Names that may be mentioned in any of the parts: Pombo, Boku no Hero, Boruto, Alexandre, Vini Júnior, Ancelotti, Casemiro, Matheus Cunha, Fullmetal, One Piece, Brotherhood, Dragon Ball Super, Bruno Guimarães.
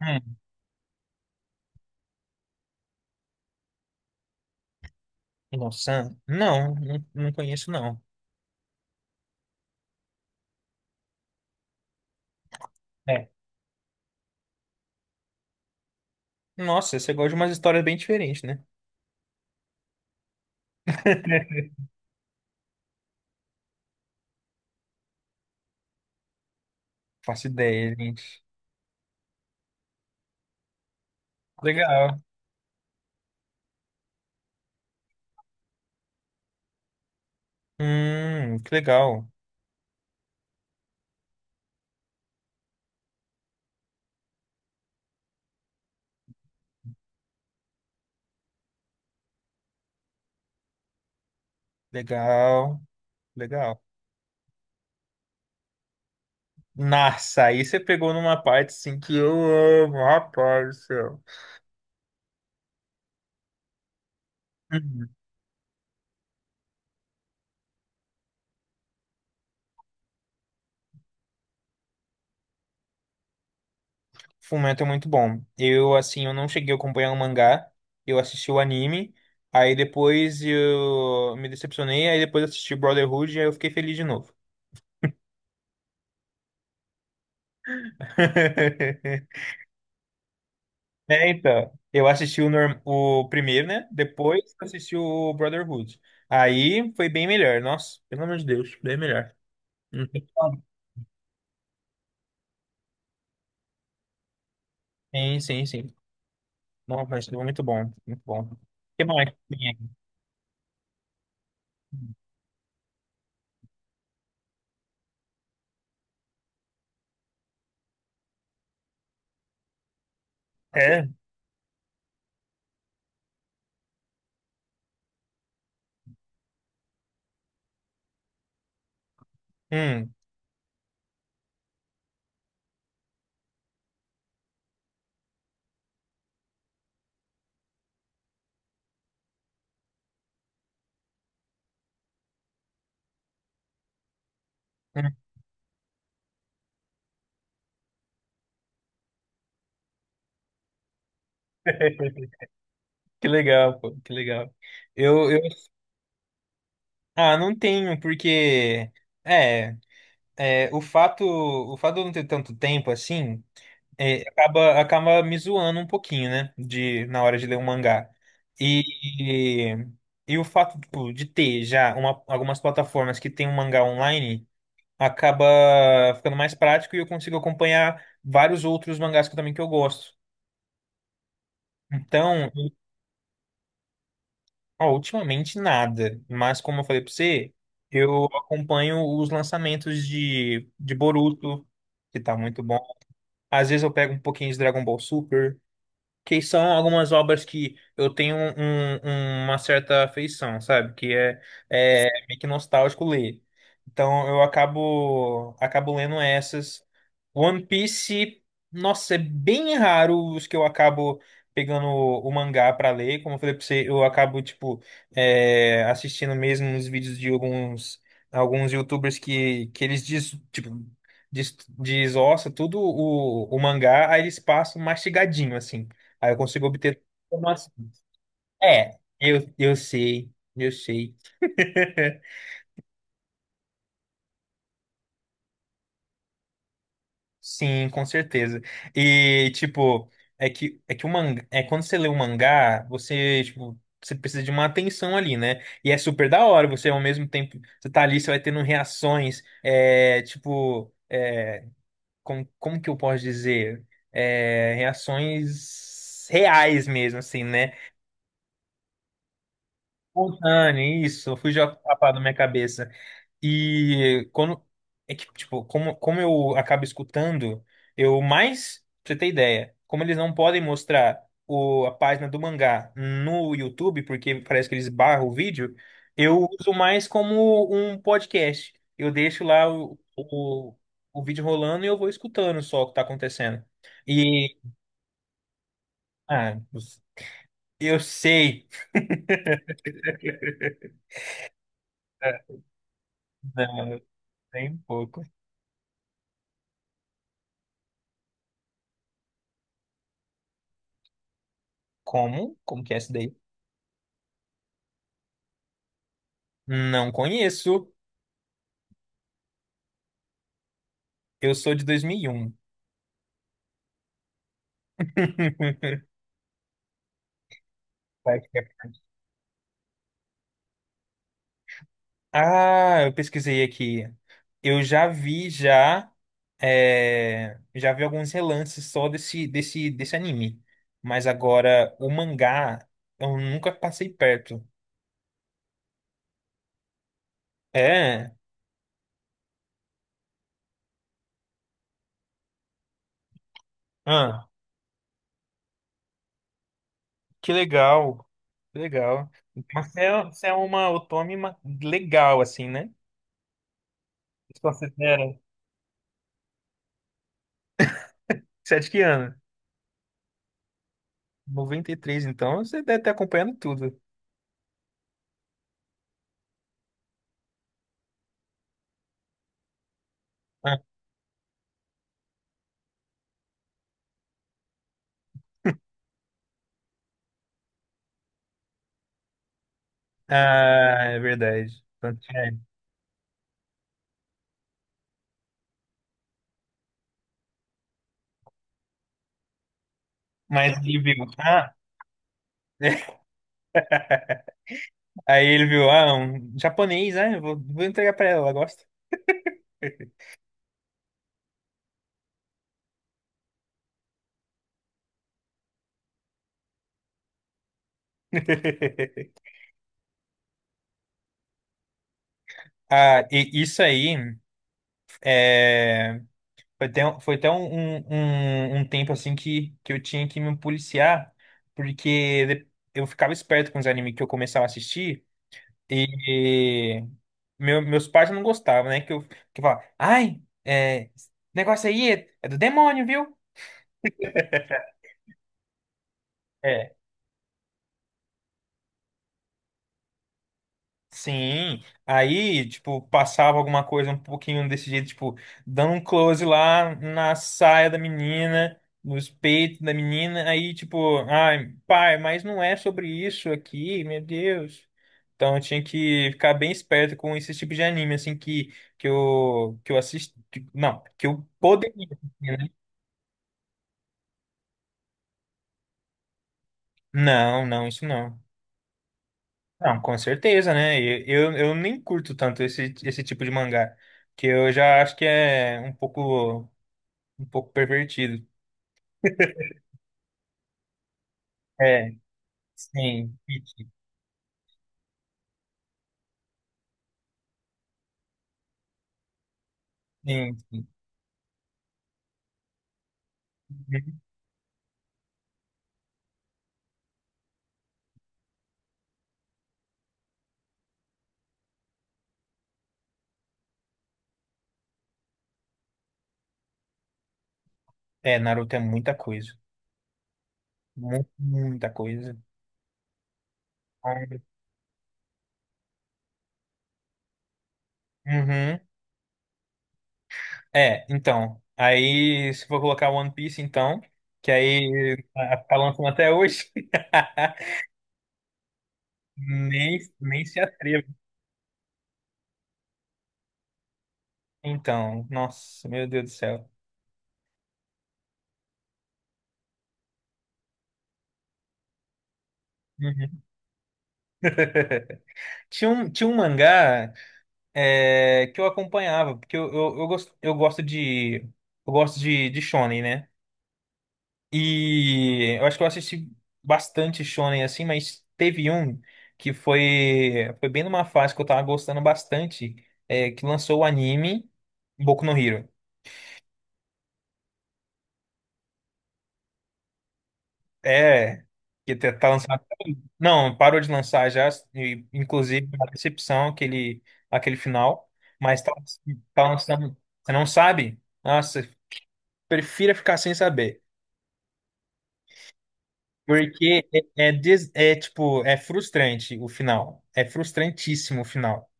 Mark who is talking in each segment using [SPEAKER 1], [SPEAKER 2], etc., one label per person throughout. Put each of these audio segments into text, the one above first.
[SPEAKER 1] Hum, nossa, não conheço, não. É. Nossa, você gosta de umas histórias bem diferentes, né? Faço ideia, gente. Legal. Que legal. Legal, legal. Nossa, aí você pegou numa parte assim que eu amo, rapaz do céu. Uhum. Fullmetal é muito bom. Eu, assim, eu não cheguei a acompanhar o mangá, eu assisti o anime, aí depois eu me decepcionei, aí depois assisti Brotherhood e aí eu fiquei feliz de novo. É, então, eu assisti o primeiro, né? Depois eu assisti o Brotherhood. Aí foi bem melhor. Nossa, pelo amor de Deus, bem melhor. Não tem como. Sim, sim, sim. Nossa, mas foi muito bom, muito bom. O que mais? Que tem aqui? É? Hum. Hum. Que legal, pô, que legal. Eu... Ah, não tenho, porque... É, o fato, de eu não ter tanto tempo assim... É, acaba me zoando um pouquinho, né? De, na hora de ler um mangá. E, e o fato, tipo, de ter já uma- algumas plataformas que tem um mangá online acaba ficando mais prático e eu consigo acompanhar vários outros mangás que, também que eu gosto. Então, ó, ultimamente nada. Mas como eu falei pra você, eu acompanho os lançamentos de Boruto, que tá muito bom. Às vezes eu pego um pouquinho de Dragon Ball Super. Que são algumas obras que eu tenho uma certa afeição, sabe? Que é, é meio que nostálgico ler. Então eu acabo lendo essas. One Piece, nossa, é bem raro os que eu acabo pegando o mangá pra ler. Como eu falei pra você, eu acabo tipo é, assistindo mesmo os vídeos de alguns YouTubers que eles diz, tipo desossa tudo o mangá, aí eles passam mastigadinho, assim. Aí eu consigo obter informação. É, eu sei, eu sei. Sim, com certeza. E, tipo, é que o mangá, é quando você lê um mangá, você, tipo, você precisa de uma atenção ali, né? E é super da hora, você ao mesmo tempo, você tá ali, você vai tendo reações, é, tipo, é, como que eu posso dizer? É, reações reais mesmo, assim, né? Espontâneo, isso, fugiu a palavra da minha cabeça. E quando é que, tipo, como eu acabo escutando, eu mais, pra você ter ideia, como eles não podem mostrar a página do mangá no YouTube, porque parece que eles barram o vídeo, eu uso mais como um podcast. Eu deixo lá o vídeo rolando e eu vou escutando só o que tá acontecendo. E, ah, eu sei. Não, tem pouco. Como? Como que é isso daí? Não conheço. Eu sou de 2001. Vai que é- Ah, eu pesquisei aqui. Eu já vi já é, já vi alguns relances só desse anime, mas agora o mangá eu nunca passei perto. É, ah, que legal, que legal. Mas você é uma otome ma- legal assim, né? Você considera? Você é de que ano? 93, então você deve estar acompanhando tudo. Ah, é verdade. Tanto é. Mas ele viu. Ah, aí ele viu, ah, um japonês, né? Vou entregar pra ela, ela gosta. Ah, e isso aí é, foi até, um, foi até um tempo assim que eu tinha que me policiar, porque de- eu ficava esperto com os animes que eu começava a assistir e e meus pais não gostavam, né? Que eu falava, ai, é, esse negócio aí é, é do demônio, viu? É. Sim, aí, tipo, passava alguma coisa um pouquinho desse jeito, tipo, dando um close lá na saia da menina, nos peitos da menina, aí, tipo, ai, pai, mas não é sobre isso aqui, meu Deus. Então, eu tinha que ficar bem esperto com esse tipo de anime, assim, que, que eu assisti, não, que eu poderia, né? Não, não, isso não. Não, com certeza, né? E eu nem curto tanto esse tipo de mangá, que eu já acho que é um pouco pervertido. É, sim, sim, sim. É, Naruto é muita coisa, mu- muita coisa. Uhum. É, então, aí se for colocar One Piece, então, que aí tá lançando até hoje, nem se atreva. Então, nossa, meu Deus do céu. Uhum. Tinha um mangá é, que eu acompanhava, porque eu gosto de. Eu gosto de Shonen, né? E eu acho que eu assisti bastante Shonen assim, mas teve um que foi, foi bem numa fase que eu tava gostando bastante, é, que lançou o anime Boku no Hero. É, que tá lançado. Não, parou de lançar já, e, inclusive, uma decepção aquele, aquele final, mas tá, tá lançando. Você não sabe? Nossa, prefira ficar sem saber. Porque é, é, des- é, tipo, é frustrante o final. É frustrantíssimo o final.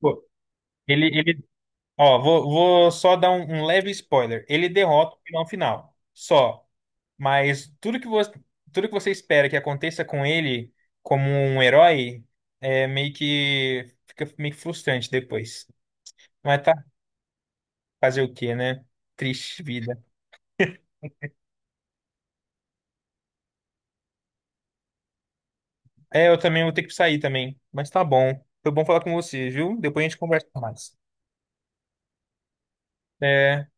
[SPEAKER 1] Pô, Ele, ele, ó, vou só dar um, um leve spoiler. Ele derrota o vilão final. Só. Mas tudo que você espera que aconteça com ele como um herói é meio que fica meio que frustrante depois. Mas tá, fazer o quê, né? Triste vida. É, eu também vou ter que sair também. Mas tá bom. Foi bom falar com você, viu? Depois a gente conversa mais. É